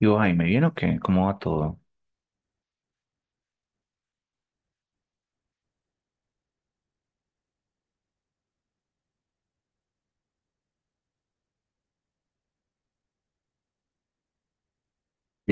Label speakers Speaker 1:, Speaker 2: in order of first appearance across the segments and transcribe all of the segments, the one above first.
Speaker 1: Digo, ay, ¿me viene o qué? ¿Cómo va todo?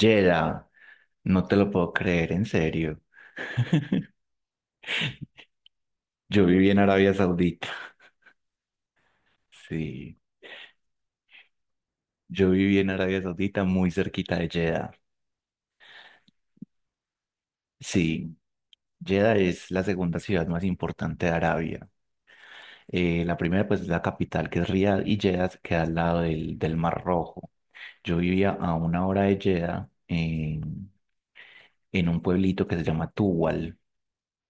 Speaker 1: Yela, no te lo puedo creer, en serio. Yo viví en Arabia Saudita. Sí, yo viví en Arabia Saudita, muy cerquita de Jeddah. Sí, Jeddah es la segunda ciudad más importante de Arabia. La primera, pues, es la capital, que es Riad, y Jeddah queda al lado del Mar Rojo. Yo vivía a una hora de Jeddah, en un pueblito que se llama Tuwal,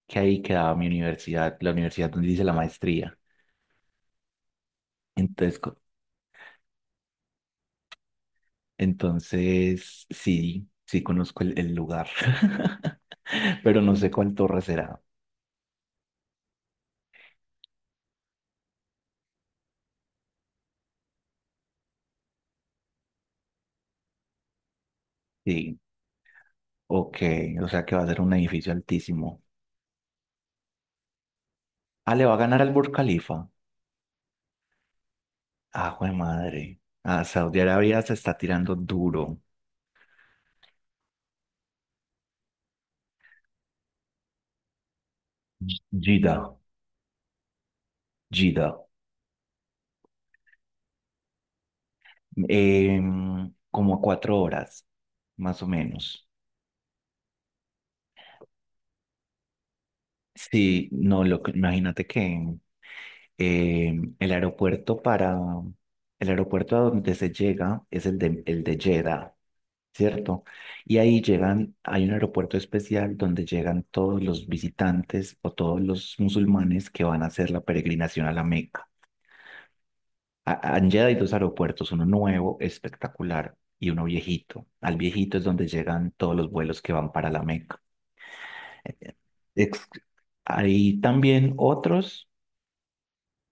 Speaker 1: que ahí quedaba mi universidad, la universidad donde hice la maestría. Entonces, co- entonces sí, sí conozco el lugar, pero no sé cuál torre será. Sí, ok, o sea que va a ser un edificio altísimo. Ah, le va a ganar al Burj Khalifa. Ah, jue madre. Ah, Saudi Arabia se está tirando duro. Jeddah, Jeddah. Como a cuatro horas, más o menos. Sí, no, lo, imagínate que Eh, el aeropuerto para el aeropuerto a donde se llega es el el de Jeddah, ¿cierto? Y ahí llegan, hay un aeropuerto especial donde llegan todos los visitantes o todos los musulmanes que van a hacer la peregrinación a la Meca. En Jeddah hay dos aeropuertos, uno nuevo, espectacular, y uno viejito. Al viejito es donde llegan todos los vuelos que van para la Meca. Ex- Hay también otros,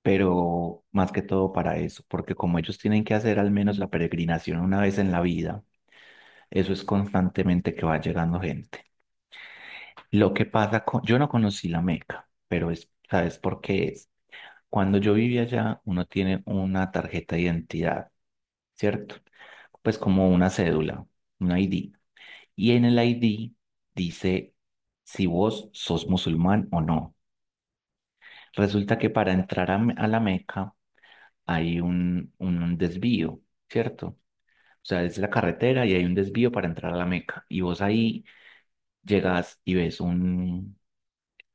Speaker 1: pero más que todo para eso, porque como ellos tienen que hacer al menos la peregrinación una vez en la vida, eso es constantemente que va llegando gente. Lo que pasa con, yo no conocí la Meca, pero es, ¿sabes por qué es? Cuando yo vivía allá, uno tiene una tarjeta de identidad, ¿cierto? Pues como una cédula, un ID. Y en el ID dice si vos sos musulmán o no. Resulta que para entrar a, a la Meca hay un desvío, ¿cierto? O sea, es la carretera y hay un desvío para entrar a la Meca. Y vos ahí llegas y ves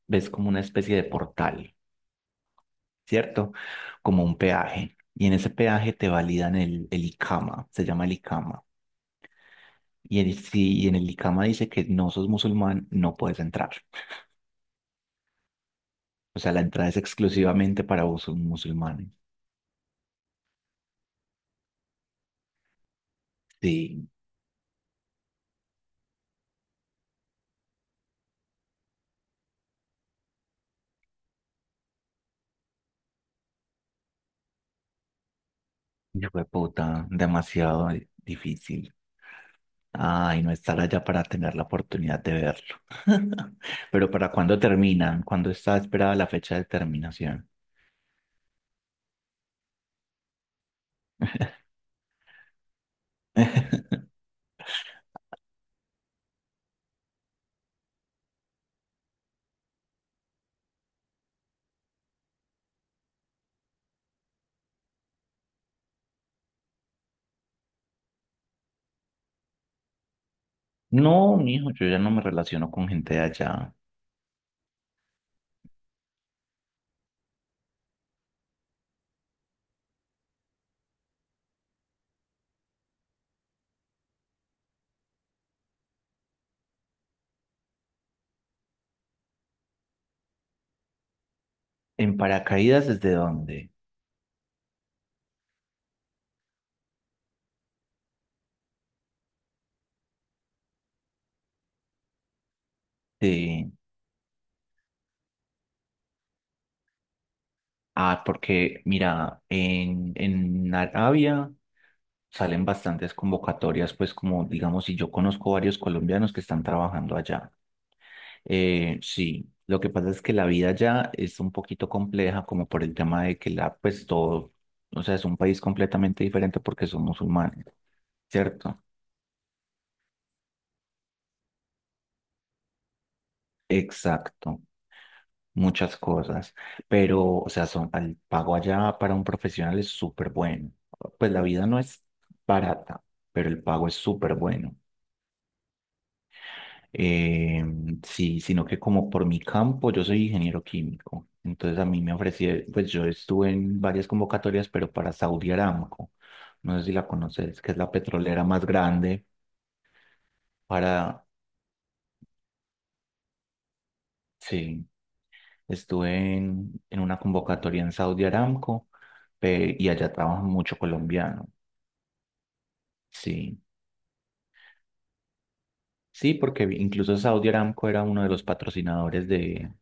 Speaker 1: ves como una especie de portal, ¿cierto? Como un peaje. Y en ese peaje te validan el ICAMA, se llama el ICAMA. Y, si, y en el ICAMA dice que no sos musulmán, no puedes entrar. O sea, la entrada es exclusivamente para vos musulmanes. Sí, hijo de puta, demasiado difícil. Ay, no estar allá para tener la oportunidad de verlo. Pero ¿para cuándo terminan? ¿Cuándo está esperada la fecha de terminación? No, mijo, yo ya no me relaciono con gente de allá. ¿En paracaídas desde dónde? Sí. Ah, porque mira, en Arabia salen bastantes convocatorias, pues como digamos, y yo conozco varios colombianos que están trabajando allá. Sí, lo que pasa es que la vida ya es un poquito compleja como por el tema de que la, pues todo, o sea, es un país completamente diferente porque son musulmanes, ¿cierto? Exacto, muchas cosas, pero, o sea, son, el pago allá para un profesional es súper bueno. Pues la vida no es barata, pero el pago es súper bueno. Eh, sí, sino que como por mi campo, yo soy ingeniero químico. Entonces a mí me ofrecieron, pues yo estuve en varias convocatorias, pero para Saudi Aramco. No sé si la conoces, que es la petrolera más grande para... Sí, estuve en una convocatoria en Saudi Aramco y allá trabaja mucho colombiano. Sí, sí, porque incluso Saudi Aramco era uno de los patrocinadores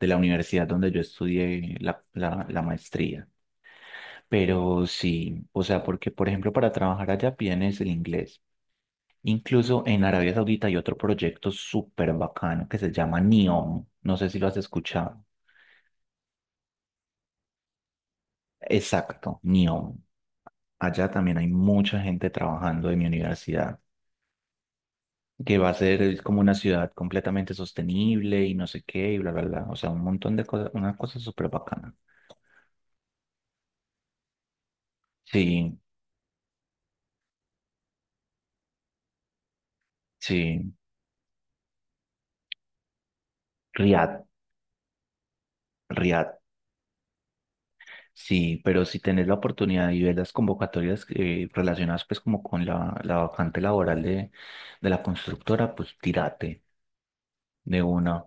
Speaker 1: de la universidad donde yo estudié la la maestría. Pero sí, o sea, porque por ejemplo para trabajar allá piden es el inglés. Incluso en Arabia Saudita hay otro proyecto súper bacano que se llama NEOM. No sé si lo has escuchado. Exacto, NEOM. Allá también hay mucha gente trabajando de mi universidad, que va a ser como una ciudad completamente sostenible y no sé qué, y bla, bla, bla. O sea, un montón de cosas, una cosa súper bacana. Sí, sí. Riad, Riad. Sí, pero si tenés la oportunidad y ves las convocatorias relacionadas pues como con la vacante laboral de la constructora, pues tírate de una.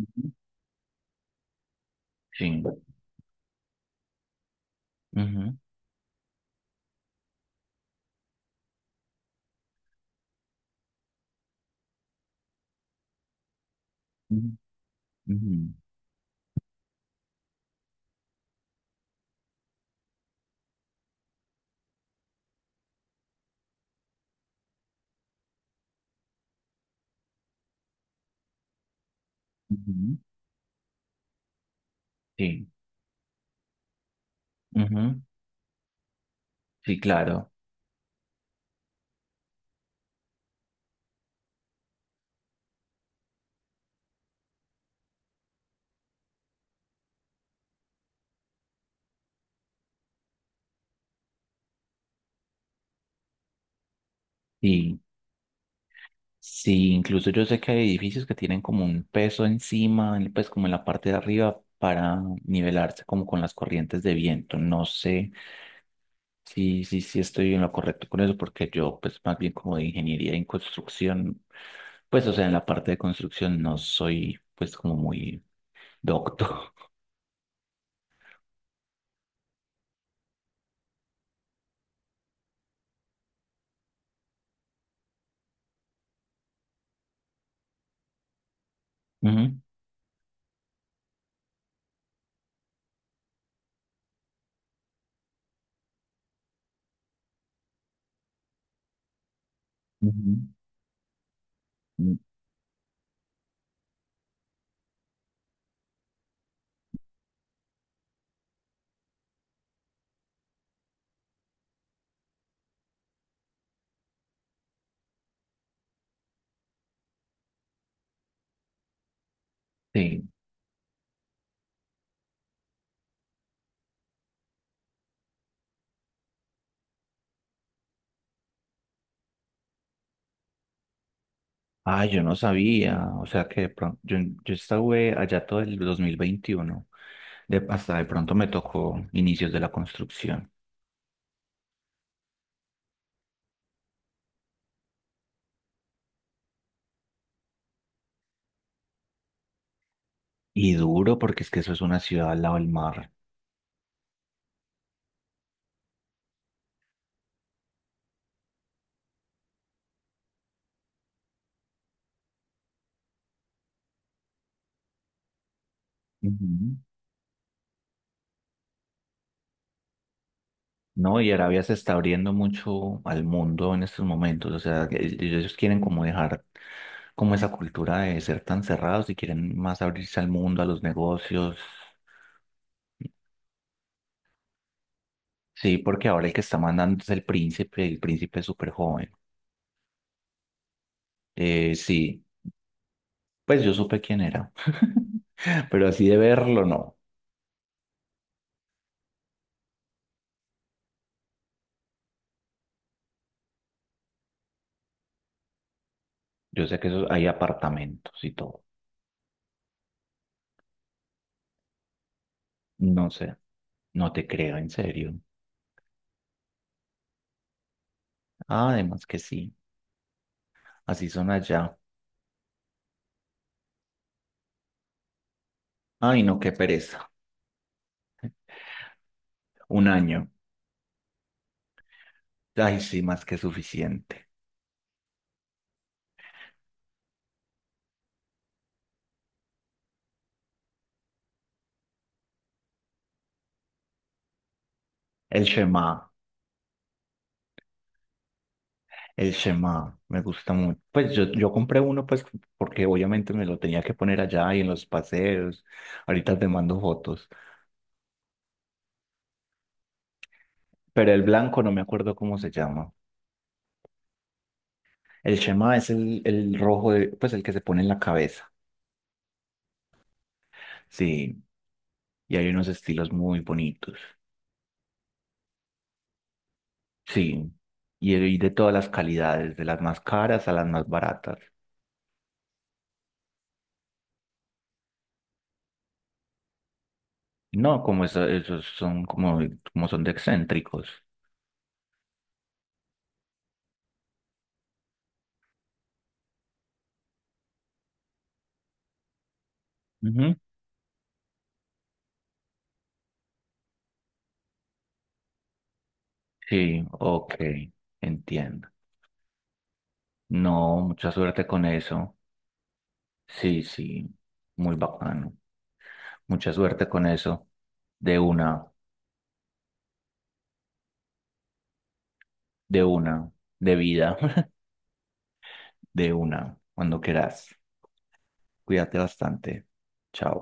Speaker 1: Ujú, sí. Ujú, ujú, ujú, ujú. Sí, ujú, sí, claro. Sí. Sí, incluso yo sé que hay edificios que tienen como un peso encima, pues como en la parte de arriba para nivelarse como con las corrientes de viento. No sé. Sí, sí, sí, estoy en lo correcto con eso, porque yo, pues, más bien como de ingeniería en construcción, pues, o sea, en la parte de construcción no soy, pues, como muy docto. Ujú, ujú, mm, sí. Ah, yo no sabía, o sea, que de pronto, yo estuve allá todo el 2021, de, hasta de pronto me tocó inicios de la construcción. Y duro, porque es que eso es una ciudad al lado del mar. Ujú. No, y Arabia se está abriendo mucho al mundo en estos momentos, o sea, que ellos quieren como dejar como esa cultura de ser tan cerrados y quieren más abrirse al mundo, a los negocios. Sí, porque ahora el que está mandando es el príncipe es súper joven. Sí, pues yo supe quién era, pero así de verlo, no. Yo sé que eso, hay apartamentos y todo. No sé, no te creo, en serio. Ah, además que sí, así son allá. Ay, no, qué pereza. Un año. Ay, sí, más que suficiente. El Shema, el Shema, me gusta mucho. Pues yo compré uno, pues, porque obviamente me lo tenía que poner allá y en los paseos. Ahorita te mando fotos. Pero el blanco no me acuerdo cómo se llama. El Shema es el rojo, pues, el que se pone en la cabeza. Sí, y hay unos estilos muy bonitos. Sí, y hay de todas las calidades, de las más caras a las más baratas. No, como eso, esos son como, como son de excéntricos. Ujú. Sí, ok, entiendo. No, mucha suerte con eso. Sí, sí, muy bacano. Mucha suerte con eso. De una, de una, de vida, de una, cuando quieras. Cuídate bastante. Chao.